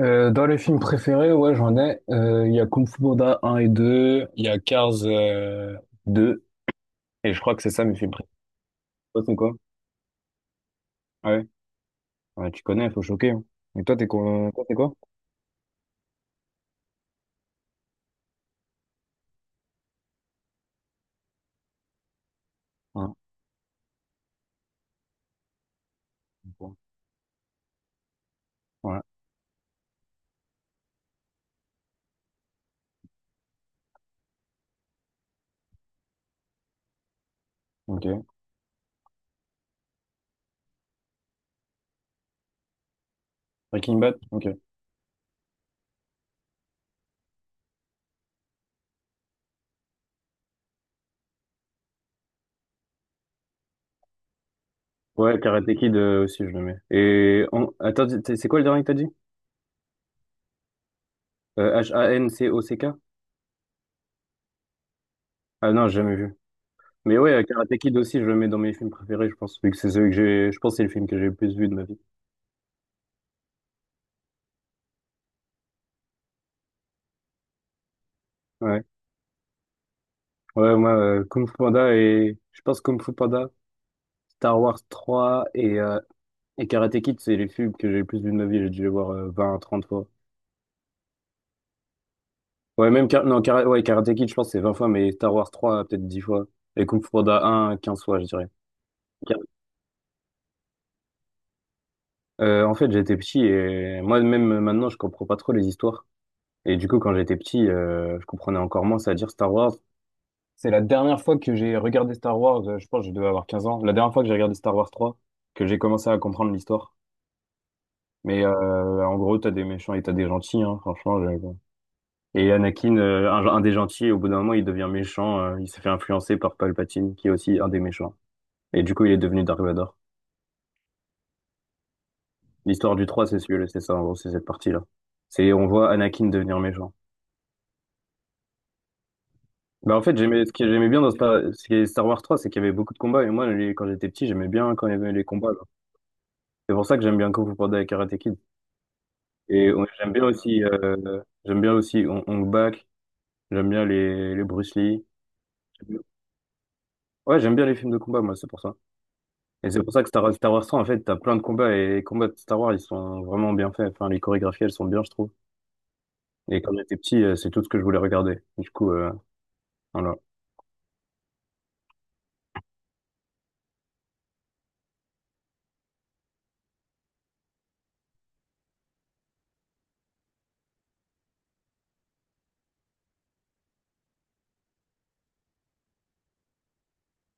Dans les films préférés, ouais, j'en ai. Il y a Kung Fu Panda 1 et 2, il y a Cars 2, et je crois que c'est ça mes films préférés. Toi, c'est quoi? Ah ouais? Ouais, tu connais, faut choquer, hein. Et toi, t'es quoi? Toi, t'es quoi? Ah, ok. Ouais, ok. Breaking Bad? Ok. Ouais, Karate Kid aussi, je le mets. Et on attends, c'est quoi le dernier que t'as dit? H-A-N-C-O-C-K? Ah non, j'ai jamais vu. Mais ouais, Karate Kid aussi, je le mets dans mes films préférés, je pense, vu que c'est celui que j'ai, je pense, que c'est le film que j'ai le plus vu de ma vie. Ouais. Ouais, moi, Kung Fu Panda et Je pense Kung Fu Panda, Star Wars 3 et Karate Kid, c'est les films que j'ai le plus vu de ma vie. J'ai dû les voir 20 à fois. Ouais, même Kara- Non, Kara- ouais, Karate Kid, je pense, c'est 20 fois, mais Star Wars 3, peut-être 10 fois. Et Kung Fu Panda un 15 fois, je dirais. Car- En fait, j'étais petit et moi-même, maintenant, je comprends pas trop les histoires. Et du coup, quand j'étais petit, je comprenais encore moins, c'est-à-dire Star Wars. C'est la dernière fois que j'ai regardé Star Wars, je pense que je devais avoir 15 ans. La dernière fois que j'ai regardé Star Wars 3, que j'ai commencé à comprendre l'histoire. Mais en gros, t'as des méchants et t'as des gentils, hein, franchement. Et Anakin, un des gentils, au bout d'un moment, il devient méchant. Il s'est fait influencer par Palpatine, qui est aussi un des méchants. Et du coup, il est devenu Dark Vador. L'histoire du 3 c'est celui-là, c'est ça, en gros, c'est cette partie-là. C'est, on voit Anakin devenir méchant. Bah, en fait, j'aimais, ce que j'aimais bien dans Star, ce qui est Star Wars trois c'est qu'il y avait beaucoup de combats. Et moi, quand j'étais petit, j'aimais bien quand il y avait les combats, là. C'est pour ça que j'aime bien Kung Fu Panda et Karate Kid. J'aime bien aussi, j'aime bien aussi Hong Hong Bak, j'aime bien les Bruce Lee. Ouais, j'aime bien les films de combat, moi, c'est pour ça. Et c'est pour ça que Star Wars 100, en fait, t'as plein de combats et les combats de Star Wars, ils sont vraiment bien faits. Enfin, les chorégraphies, elles sont bien, je trouve. Et quand j'étais petit, c'est tout ce que je voulais regarder. Du coup, voilà.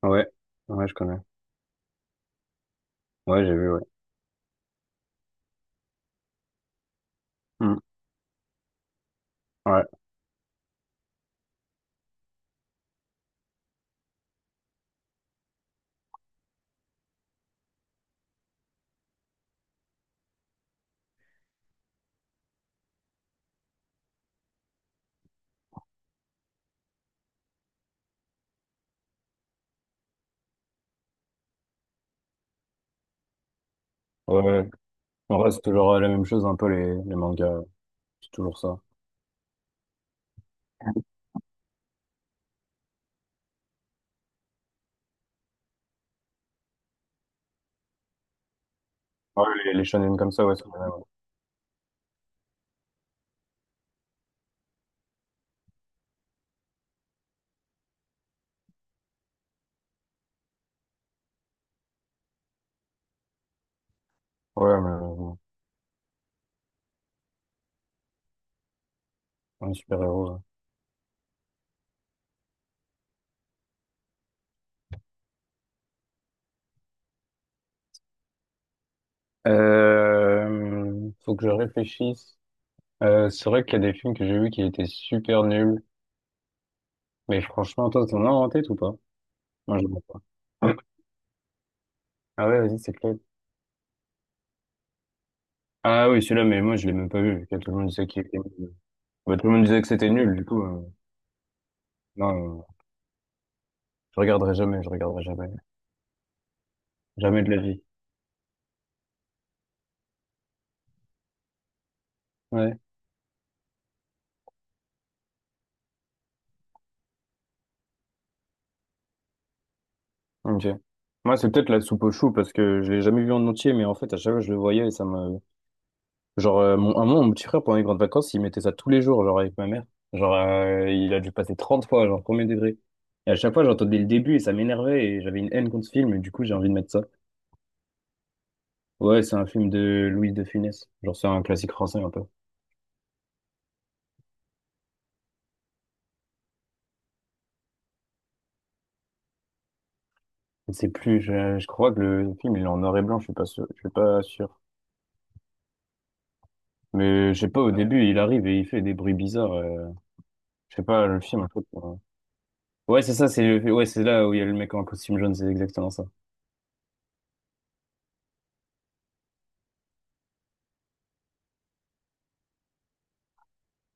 Ouais, ouais, je connais. Ouais, j'ai vu, ouais. Hmm. Ouais, ouais, ouais. En vrai, c'est toujours la même chose, un peu les mangas. C'est toujours ça. Ouais, les shonen comme ça, ouais, c'est la même. Ouais, ouais, mais bon, un super-héros, ouais. Faut que je réfléchisse. C'est vrai qu'il y a des films que j'ai vus qui étaient super nuls. Mais franchement, toi, t'en as en tête ou pas? Moi, je vois pas. Ah ouais, vas-y, c'est clair. Ah oui, celui-là, mais moi, je l'ai même pas vu. Tout le monde disait qu'il était nul. Bah, tout le monde disait que c'était nul, du coup. Non, je regarderai jamais, je regarderai jamais. Jamais de la vie. Ouais, ok. Moi, c'est peut-être la soupe aux choux, parce que je l'ai jamais vu en entier, mais en fait, à chaque fois, je le voyais et ça me Genre, à un moment, mon petit frère, pendant les grandes vacances, il mettait ça tous les jours, genre, avec ma mère. Genre, il a dû passer 30 fois, genre, premier degré. Et à chaque fois, j'entendais le début et ça m'énervait et j'avais une haine contre ce film, et du coup, j'ai envie de mettre ça. Ouais, c'est un film de Louis de Funès. Genre, c'est un classique français un peu. Je sais plus, je crois que le film il est en noir et blanc, je suis pas sûr, je suis pas sûr. Mais je sais pas, au ouais, début, il arrive et il fait des bruits bizarres. Je sais pas, le film, un peu. Ouais, c'est ça, ouais, c'est là où il y a le mec en costume jaune, c'est exactement ça.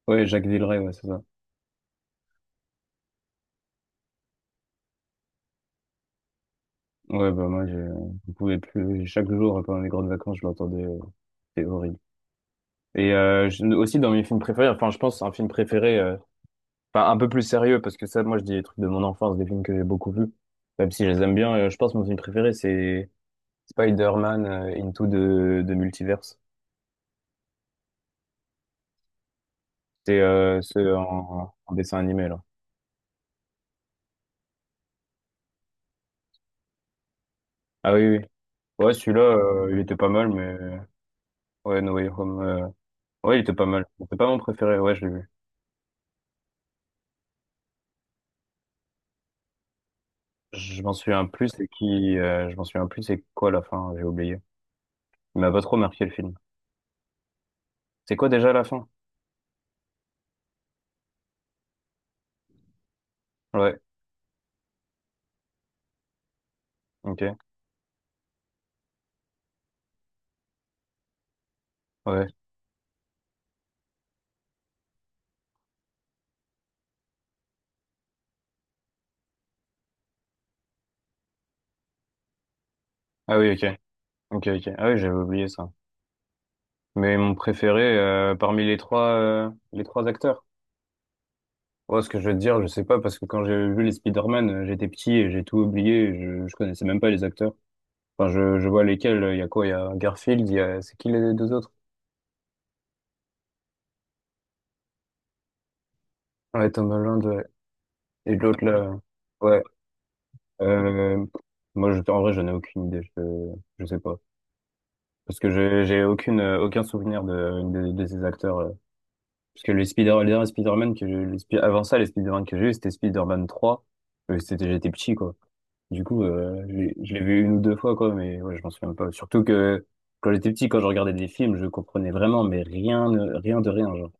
Ouais, Jacques Villeray, ouais, c'est ça. Ouais, bah moi, je pouvais plus. Chaque jour, pendant les grandes vacances, je l'entendais. C'est horrible. Et aussi dans mes films préférés, enfin, je pense un film préféré. Enfin, un peu plus sérieux, parce que ça, moi, je dis des trucs de mon enfance, des films que j'ai beaucoup vus. Même si je les aime bien, je pense que mon film préféré, c'est Spider-Man Into the, the Multiverse. C'est ce en, en dessin animé, là. Ah oui, oui. Ouais, celui-là, il était pas mal, mais ouais, No Way Home ouais, il était pas mal. C'est pas mon préféré, ouais, je l'ai vu. Je m'en souviens plus, c'est qui je m'en souviens plus, c'est quoi la fin, j'ai oublié. Il m'a pas trop marqué, le film. C'est quoi déjà la fin? Ouais, ok. Ouais. Ah oui, ok. Ok, ok. Ah oui, j'avais oublié ça. Mais mon préféré parmi les trois acteurs. Ouais, ce que je veux te dire, je sais pas, parce que quand j'ai vu les Spider-Man, j'étais petit et j'ai tout oublié, et je connaissais même pas les acteurs. Enfin, je vois lesquels, il y a quoi? Il y a Garfield, il y a C'est qui les deux autres? Ouais, Tom Holland, ouais. Et l'autre là, ouais. Euh, moi, je, en vrai, j'en ai aucune idée, je sais pas. Parce que j'ai aucune, aucun souvenir de ces acteurs. Parce que les derniers Spider-Man que j'ai, avant ça, les Spider-Man que j'ai eu, c'était Spider-Man 3. C'était, j'étais petit, quoi. Du coup, je l'ai vu une ou deux fois, quoi, mais ouais, je m'en souviens pas. Surtout que quand j'étais petit, quand je regardais des films, je comprenais vraiment, mais rien, rien de rien, genre.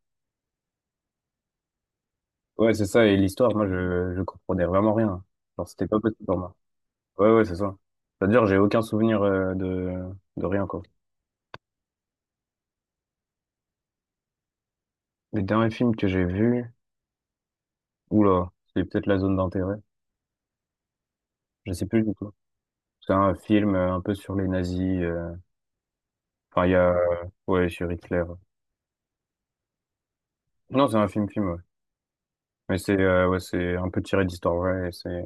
Ouais, c'est ça, et l'histoire, moi, je comprenais vraiment rien. Genre, c'était pas possible pour moi. Ouais, ouais, c'est ça. C'est-à-dire, j'ai aucun souvenir de rien, quoi. Les derniers films que j'ai vus, oula, c'est peut-être La Zone d'intérêt. Je sais plus du tout. C'est un film un peu sur les nazis. Enfin, il y a, ouais, sur Hitler. Non, c'est un film-film, ouais. Mais c'est, ouais, c'est un peu tiré d'histoire, ouais. C'est,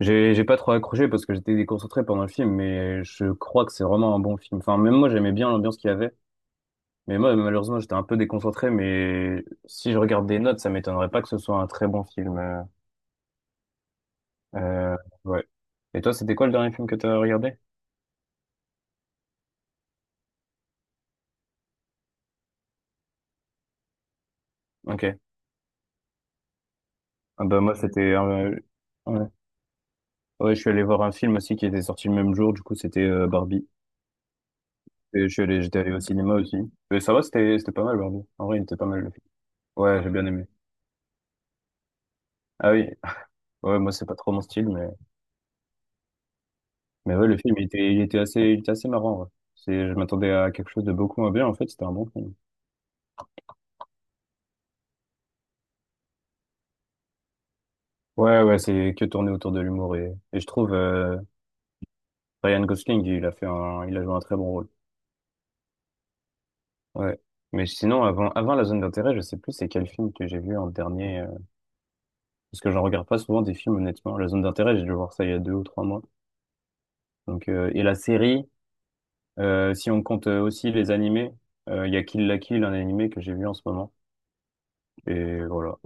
j'ai pas trop accroché parce que j'étais déconcentré pendant le film, mais je crois que c'est vraiment un bon film. Enfin, même moi, j'aimais bien l'ambiance qu'il y avait. Mais moi, malheureusement, j'étais un peu déconcentré, mais si je regarde des notes, ça m'étonnerait pas que ce soit un très bon film. Euh, ouais. Et toi, c'était quoi le dernier film que t'as regardé? Ok. Ah bah, moi, ouais. Ouais, je suis allé voir un film aussi qui était sorti le même jour, du coup, c'était Barbie. Et j'étais allé au cinéma aussi. Mais ça va, c'était pas mal, Barbie. En vrai, il était pas mal, le film. Ouais, j'ai bien aimé. Ah oui. Ouais, moi, c'est pas trop mon style, mais ouais, le film, il était assez marrant, ouais. C'est, je m'attendais à quelque chose de beaucoup moins bien, en fait, c'était un bon film. Ouais, ouais, c'est que tourné autour de l'humour et je trouve, Ryan Gosling, il a joué un très bon rôle. Ouais. Mais sinon, avant La Zone d'intérêt, je sais plus c'est quel film que j'ai vu en dernier, parce que j'en regarde pas souvent des films, honnêtement. La Zone d'intérêt, j'ai dû voir ça il y a 2 ou 3 mois. Donc, et la série, si on compte aussi les animés, il y a Kill la Kill, un animé que j'ai vu en ce moment. Et voilà.